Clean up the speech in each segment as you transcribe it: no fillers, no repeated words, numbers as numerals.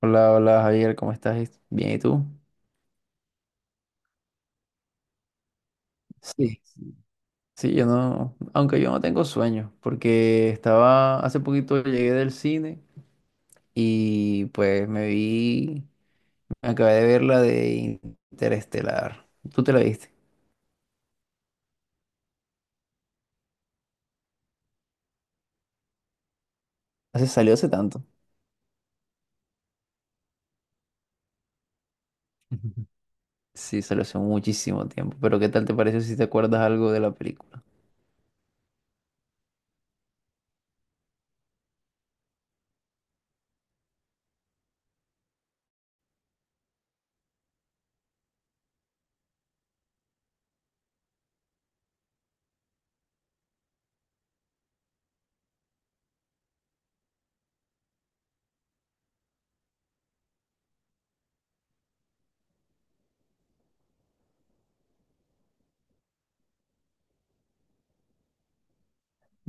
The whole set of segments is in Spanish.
Hola, hola Javier, ¿cómo estás? Bien, ¿y tú? Sí. Sí, yo no, aunque yo no tengo sueños, porque hace poquito llegué del cine y me acabé de ver la de Interestelar. ¿Tú te la viste? Hace, salió hace tanto. Ujú. Sí, salió hace muchísimo tiempo, pero ¿qué tal te pareció si te acuerdas algo de la película?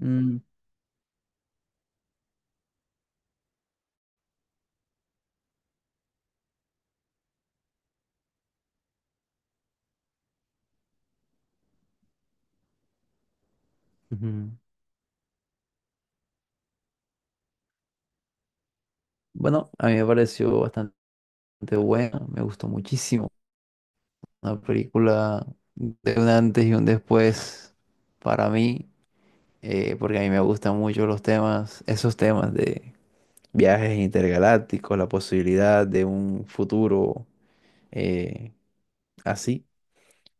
Mm. Ujú. Bueno, a mí me pareció bastante buena, me gustó muchísimo. Una película de un antes y un después para mí, porque a mí me gustan mucho los temas, esos temas de viajes intergalácticos, la posibilidad de un futuro, eh, así.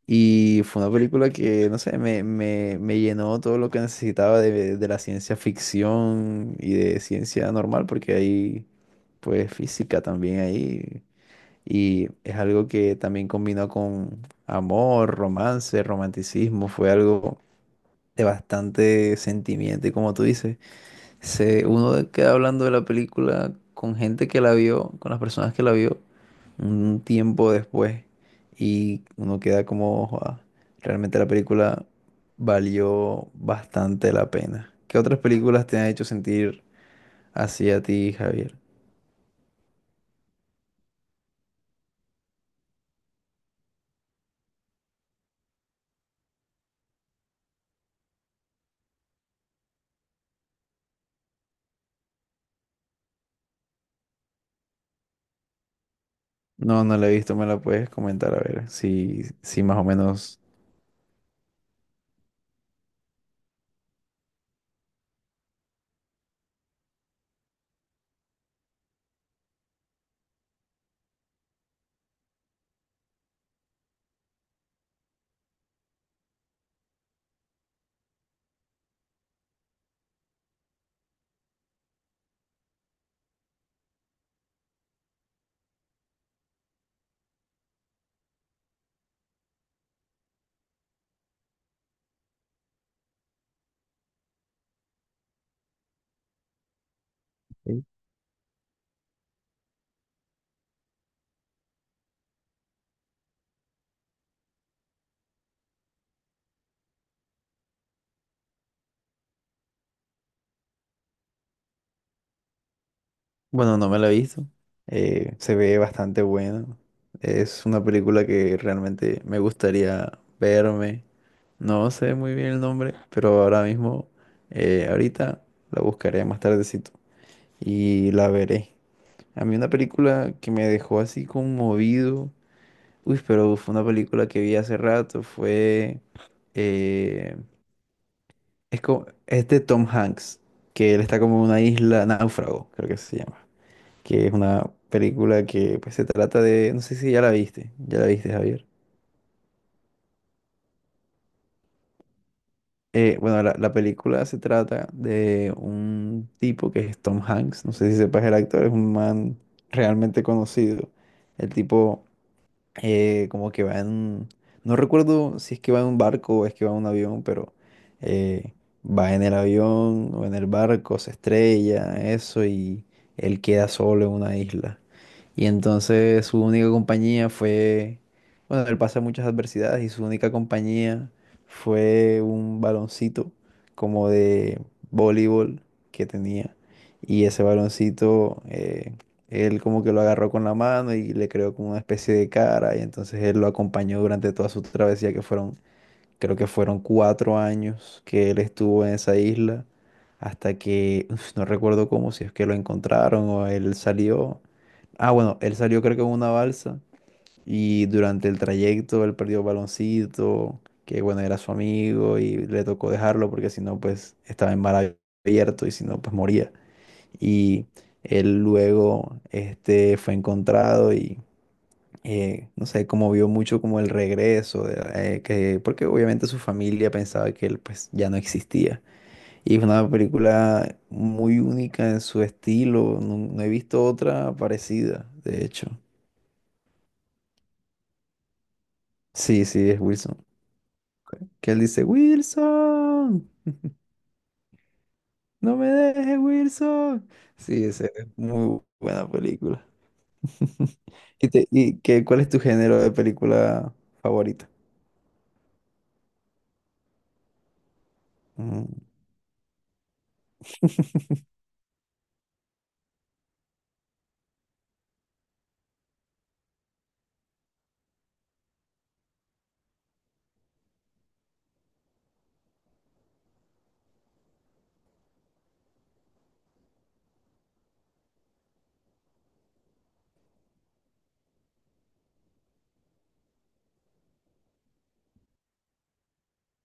Y fue una película que, no sé, me llenó todo lo que necesitaba de la ciencia ficción y de ciencia normal, porque hay, pues, física también ahí, y es algo que también combinó con amor, romance, romanticismo. Fue algo de bastante sentimiento. Y como tú dices, uno queda hablando de la película con gente que la vio, con las personas que la vio, un tiempo después. Y uno queda como, "Joda, realmente la película valió bastante la pena". ¿Qué otras películas te han hecho sentir así a ti, Javier? No, no la he visto, me la puedes comentar a ver si más o menos. Bueno, no me la he visto. Se ve bastante buena. Es una película que realmente me gustaría verme. No sé muy bien el nombre, pero ahora mismo, ahorita la buscaré más tardecito y la veré. A mí una película que me dejó así conmovido. Uy, pero fue una película que vi hace rato. Eh, es de Tom Hanks, que él está como en una isla náufrago, creo que se llama. Que es una película que, pues, se trata de, no sé si ya la viste, ya la viste, Javier. Bueno, la película se trata de un tipo que es Tom Hanks, no sé si sepas el actor, es un man realmente conocido. El tipo, como que va en, no recuerdo si es que va en un barco o es que va en un avión, pero, eh, va en el avión o en el barco, se estrella, eso, y él queda solo en una isla. Y entonces su única compañía fue, bueno, él pasa muchas adversidades y su única compañía fue un baloncito como de voleibol que tenía. Y ese baloncito, él como que lo agarró con la mano y le creó como una especie de cara, y entonces él lo acompañó durante toda su travesía que fueron, creo que fueron cuatro años que él estuvo en esa isla, hasta que, uf, no recuerdo cómo, si es que lo encontraron o él salió. Ah, bueno, él salió creo que en una balsa y durante el trayecto él perdió el baloncito, que, bueno, era su amigo y le tocó dejarlo porque si no, pues, estaba en mar abierto y si no, pues, moría. Y él luego, este, fue encontrado y, no sé, como vio mucho como el regreso, porque obviamente su familia pensaba que él, pues, ya no existía. Y es una película muy única en su estilo, no he visto otra parecida, de hecho. Sí, sí, es Wilson. Que él dice, "Wilson, no me dejes, Wilson". Sí, esa es muy buena película. ¿Y, cuál es tu género de película favorita? Mm.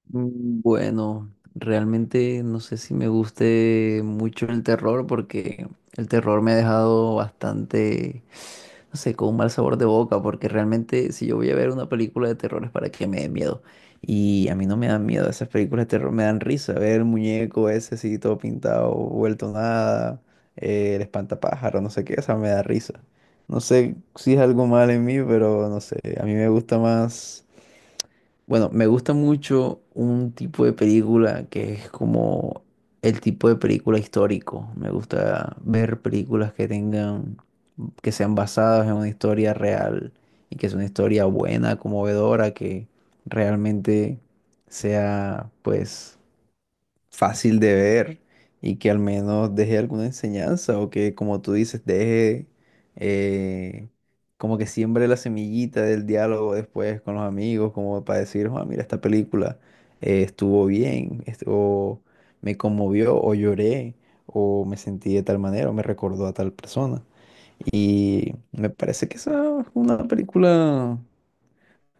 Mm. Bueno, realmente no sé si me guste mucho el terror, porque el terror me ha dejado bastante, no sé, con un mal sabor de boca, porque realmente si yo voy a ver una película de terror es para que me dé miedo, y a mí no me dan miedo, esas películas de terror me dan risa, ver el muñeco ese así todo pintado, vuelto nada, el espantapájaro, no sé qué, esa me da risa. No sé si es algo mal en mí, pero no sé, a mí me gusta más, bueno, me gusta mucho un tipo de película que es como el tipo de película histórico. Me gusta ver películas que tengan, que sean basadas en una historia real, y que es una historia buena, conmovedora, que realmente sea, pues, fácil de ver, y que al menos deje alguna enseñanza, o que, como tú dices, deje, eh, como que siembre la semillita del diálogo después con los amigos, como para decir, "Joa, mira, esta película, estuvo bien, o me conmovió, o lloré, o me sentí de tal manera, o me recordó a tal persona". Y me parece que esa es una película,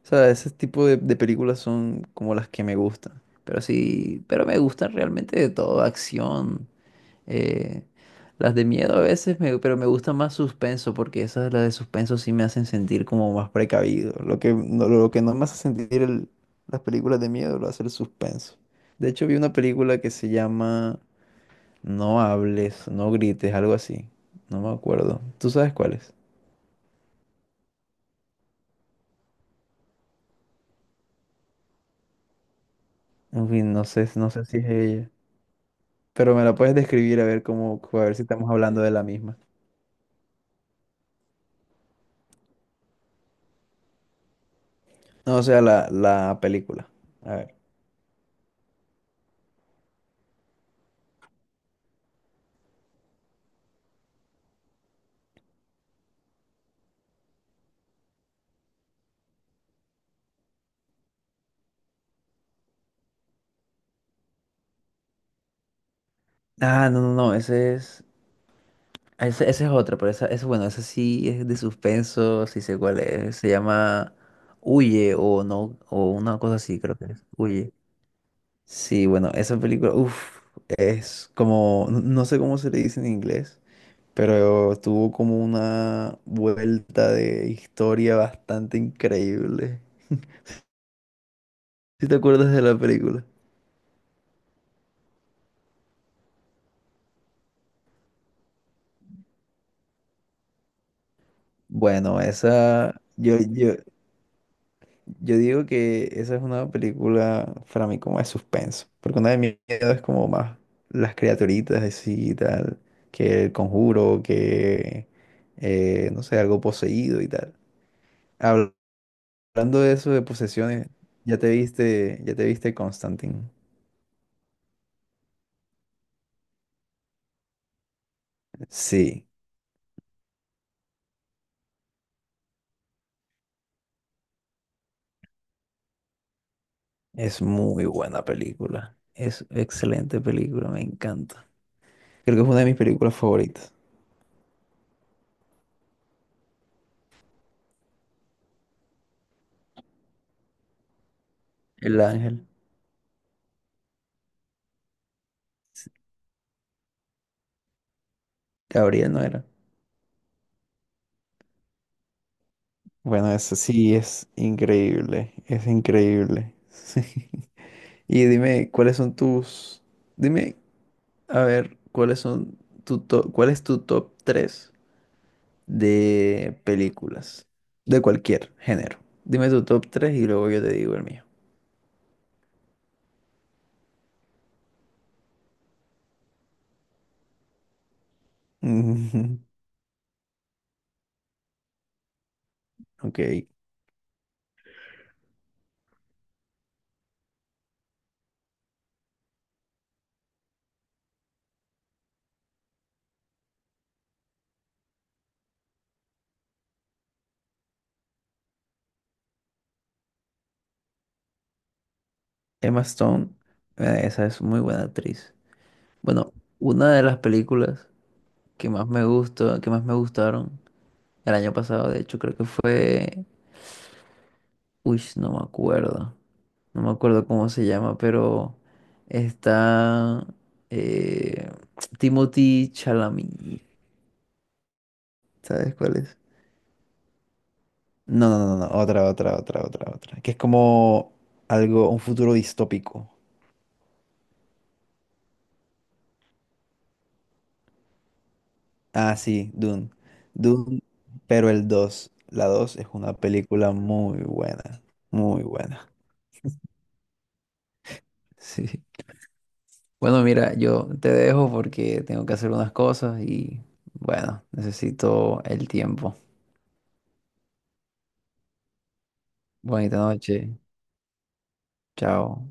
o sea, ese tipo de películas son como las que me gustan. Pero sí, pero me gustan realmente de todo, acción, eh, las de miedo a veces, pero me gusta más suspenso, porque esas, las de suspenso sí me hacen sentir como más precavido. Lo que no me hace sentir las películas de miedo lo hace el suspenso. De hecho, vi una película que se llama No hables, no grites, algo así. No me acuerdo. ¿Tú sabes cuál es? En fin, no sé, no sé si es ella. Pero me la puedes describir a ver cómo, a ver si estamos hablando de la misma. No, o sea, la película. A ver. Ah, no, no, no, ese es. Ese es otro, pero esa, ese, bueno, ese sí es de suspenso, sí sé cuál es. Se llama Huye o no, o una cosa así, creo que es. Huye. Sí, bueno, esa película, uff, es como, no, no sé cómo se le dice en inglés, pero tuvo como una vuelta de historia bastante increíble. ¿Sí te acuerdas de la película? Bueno, esa, yo digo que esa es una película para mí como de suspenso, porque una de mis miedo es como más las criaturitas así y tal, que el conjuro, que, no sé, algo poseído y tal. Habl- Hablando de eso, de posesiones, ya te viste Constantine. Sí, es muy buena película, es excelente película, me encanta. Creo que es una de mis películas favoritas. El Ángel, Gabriel, no era. Bueno, eso sí es increíble, es increíble. Y dime, ¿cuáles son tus, dime, a ver, ¿cuáles son cuál es tu top 3 de películas de cualquier género? Dime tu top 3 y luego yo te digo el mío. Ujú. Ok. Emma Stone, esa es muy buena actriz. Bueno, una de las películas que más me gustaron el año pasado, de hecho, creo que fue, uy, no me acuerdo. No me acuerdo cómo se llama, pero está, eh, Timothy Chalamet. ¿Sabes cuál es? No, no, no, no, otra, otra, otra, otra, otra. Que es como algo, un futuro distópico. Ah, sí, Dune. Dune, pero el 2, la 2 es una película muy buena, muy buena. Sí. Bueno, mira, yo te dejo porque tengo que hacer unas cosas y, bueno, necesito el tiempo. Bonita noche. Chao.